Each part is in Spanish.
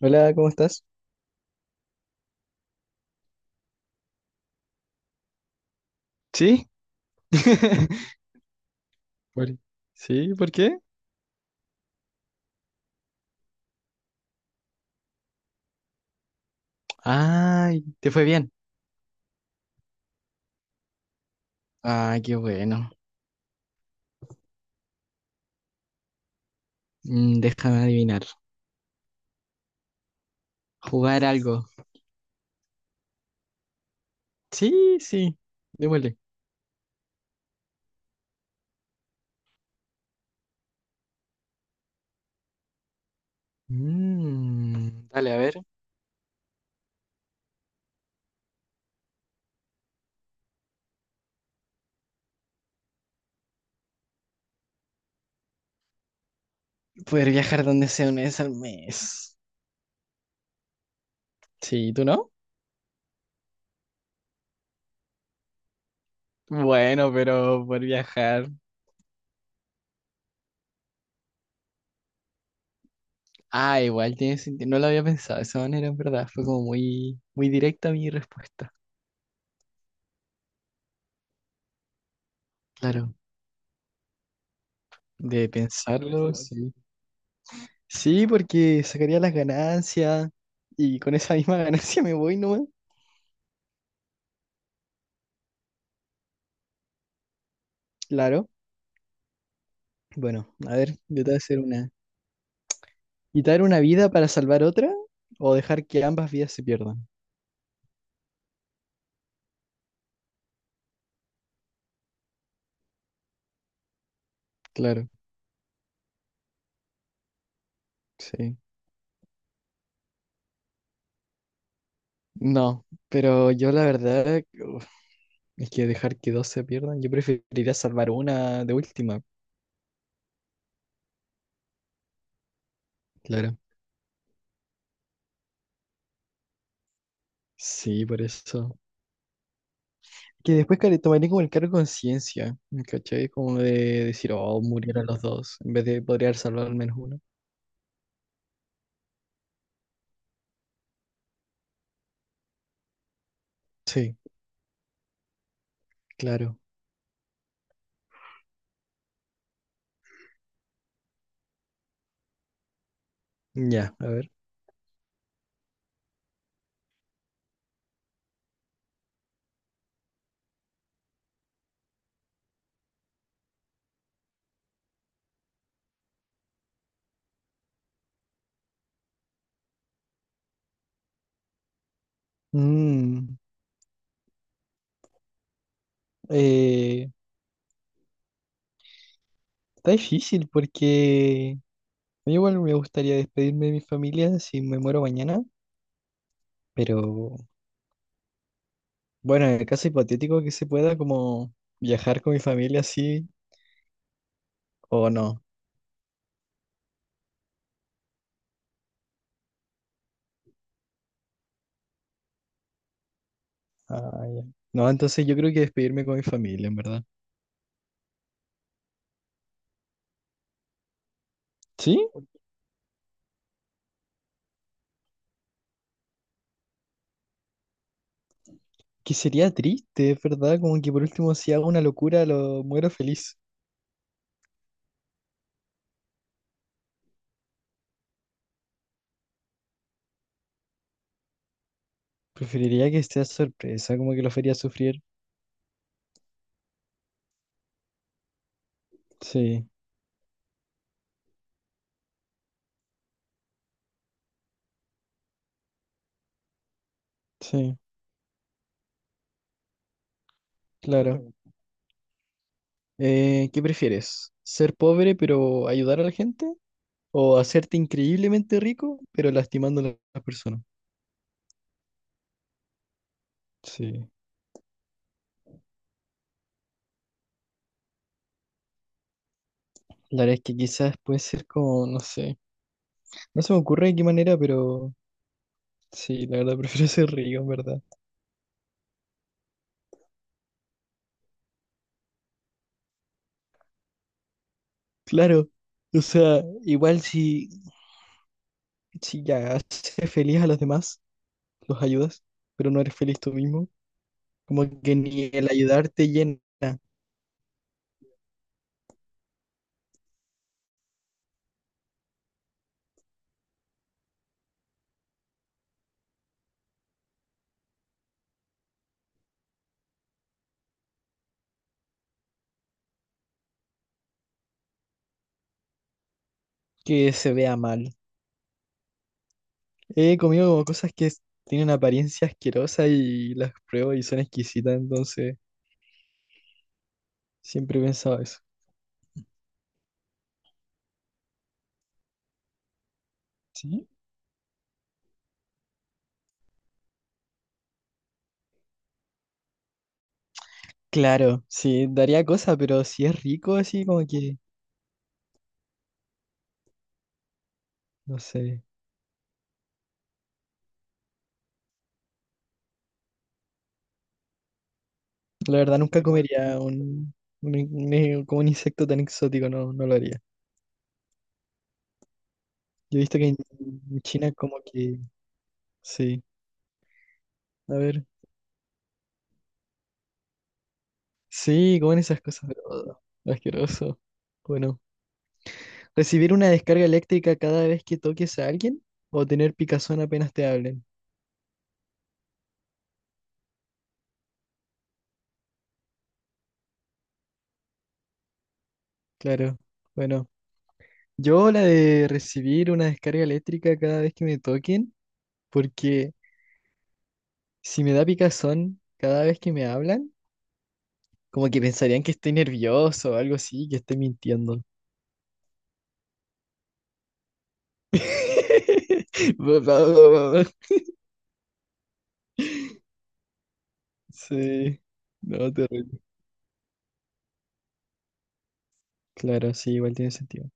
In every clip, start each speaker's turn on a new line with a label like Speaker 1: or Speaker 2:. Speaker 1: Hola, ¿cómo estás? ¿Sí? Por- ¿Sí? ¿Por qué? Ay, te fue bien. Ay, qué bueno. Déjame adivinar. Jugar algo. Sí, sí. Démosle. Dale, a ver. Poder viajar donde sea una vez al mes. Sí, ¿tú no? Bueno, pero por viajar. Ah, igual tiene sentido. No lo había pensado de esa manera, en verdad. Fue como muy, muy directa mi respuesta. Claro. De pensarlo, sí. Sí, porque sacaría las ganancias y con esa misma ganancia me voy nomás. Claro. Bueno, a ver, yo te voy a hacer una. ¿Quitar una vida para salvar otra o dejar que ambas vidas se pierdan? Claro, sí. No, pero yo la verdad uf, es que dejar que dos se pierdan, yo preferiría salvar una de última. Claro. Sí, por eso. Que después care- tomaría como el cargo de conciencia, ¿cachai? Como de decir, oh, murieron los dos, en vez de podría haber salvado al menos uno. Sí, claro. Ya, a ver. Mm, eh, Está difícil porque a mí igual me gustaría despedirme de mi familia si me muero mañana, pero bueno, en el caso hipotético que se pueda como viajar con mi familia así o no. Ah, ya. No, entonces yo creo que despedirme con mi familia, en verdad. Sí, que sería triste, es verdad, como que por último si hago una locura lo muero feliz. Preferiría que sea sorpresa, como que lo fería sufrir. Sí, sí, claro. ¿Qué prefieres? ¿Ser pobre pero ayudar a la gente o hacerte increíblemente rico pero lastimando a las personas? Sí. La verdad es que quizás puede ser como, no sé, no se me ocurre de qué manera, pero sí, la verdad prefiero ser rico, en verdad. Claro, o sea, igual si, si ya haces feliz a los demás, los ayudas, pero no eres feliz tú mismo, como que ni el ayudarte llena que se vea mal. He comido como cosas que tienen apariencia asquerosa y las pruebo y son exquisitas, entonces siempre he pensado eso. ¿Sí? Claro, sí, daría cosa, pero si es rico, así como que, no sé. La verdad nunca comería un, como un insecto tan exótico, no, no lo haría. Yo he visto que en China como que, sí, a ver, sí, comen esas cosas, pero oh, asqueroso. Bueno, ¿recibir una descarga eléctrica cada vez que toques a alguien o tener picazón apenas te hablen? Claro, bueno, yo la de recibir una descarga eléctrica cada vez que me toquen, porque si me da picazón cada vez que me hablan, como que pensarían que estoy nervioso o algo así, que estoy mintiendo. Sí, no, terrible. Claro, sí, igual tiene sentido.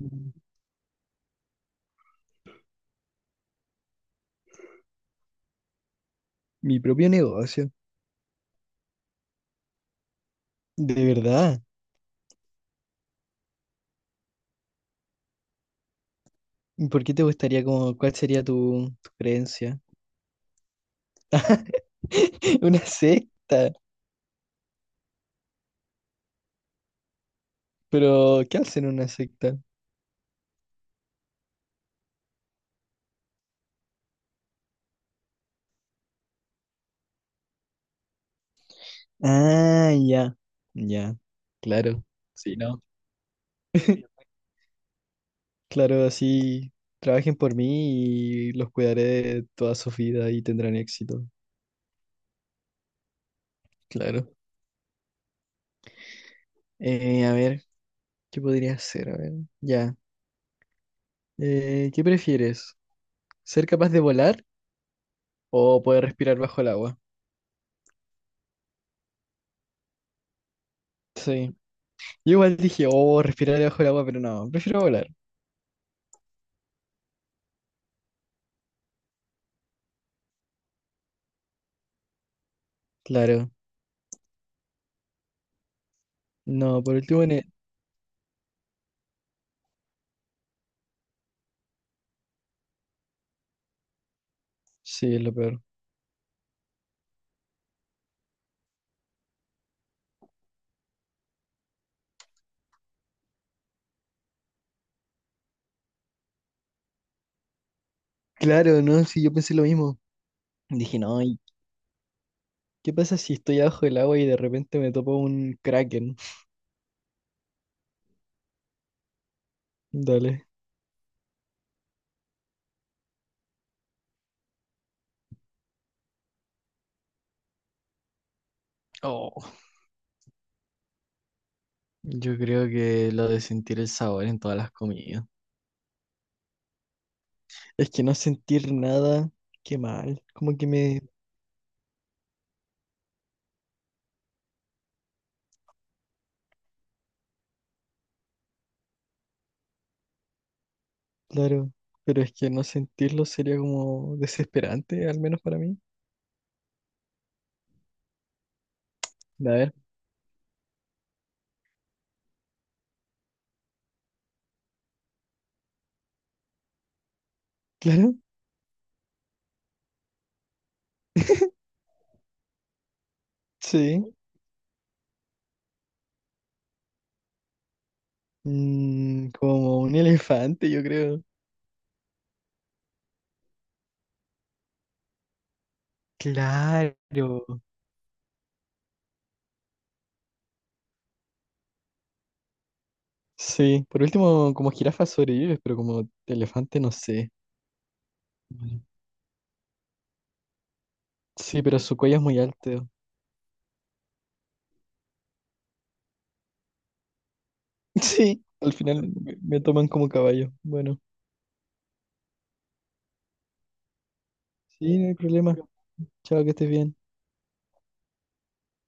Speaker 1: Mm. Mi propio negocio. De verdad. ¿Y por qué te gustaría como, cuál sería tu creencia? Una secta. Pero, ¿qué hacen en una secta? Ah, ya, ya, claro, sí, no. Claro, así trabajen por mí y los cuidaré de toda su vida y tendrán éxito, claro. A ver, ¿qué podría hacer? A ver, ya. ¿Qué prefieres? ¿Ser capaz de volar o poder respirar bajo el agua? Sí. Yo igual dije, oh, respirar bajo el agua, pero no, prefiero volar. Claro. No, por último, sí, es lo peor. Claro, no, sí, yo pensé lo mismo. Dije, no, ¿qué pasa si estoy abajo del agua y de repente me topo un kraken? Dale. Oh, yo creo que lo de sentir el sabor en todas las comidas. Es que no sentir nada, qué mal. Como que me... Claro. Pero es que no sentirlo sería como desesperante, al menos para mí. A ver. Claro. Sí. Mm, como un elefante, yo creo. Claro. Sí. Por último, como jirafa sobrevives, pero como elefante no sé. Mm. Sí, pero su cuello es muy alto. Sí, al final me toman como caballo. Bueno, sí, no hay problema. Chao, que estés bien.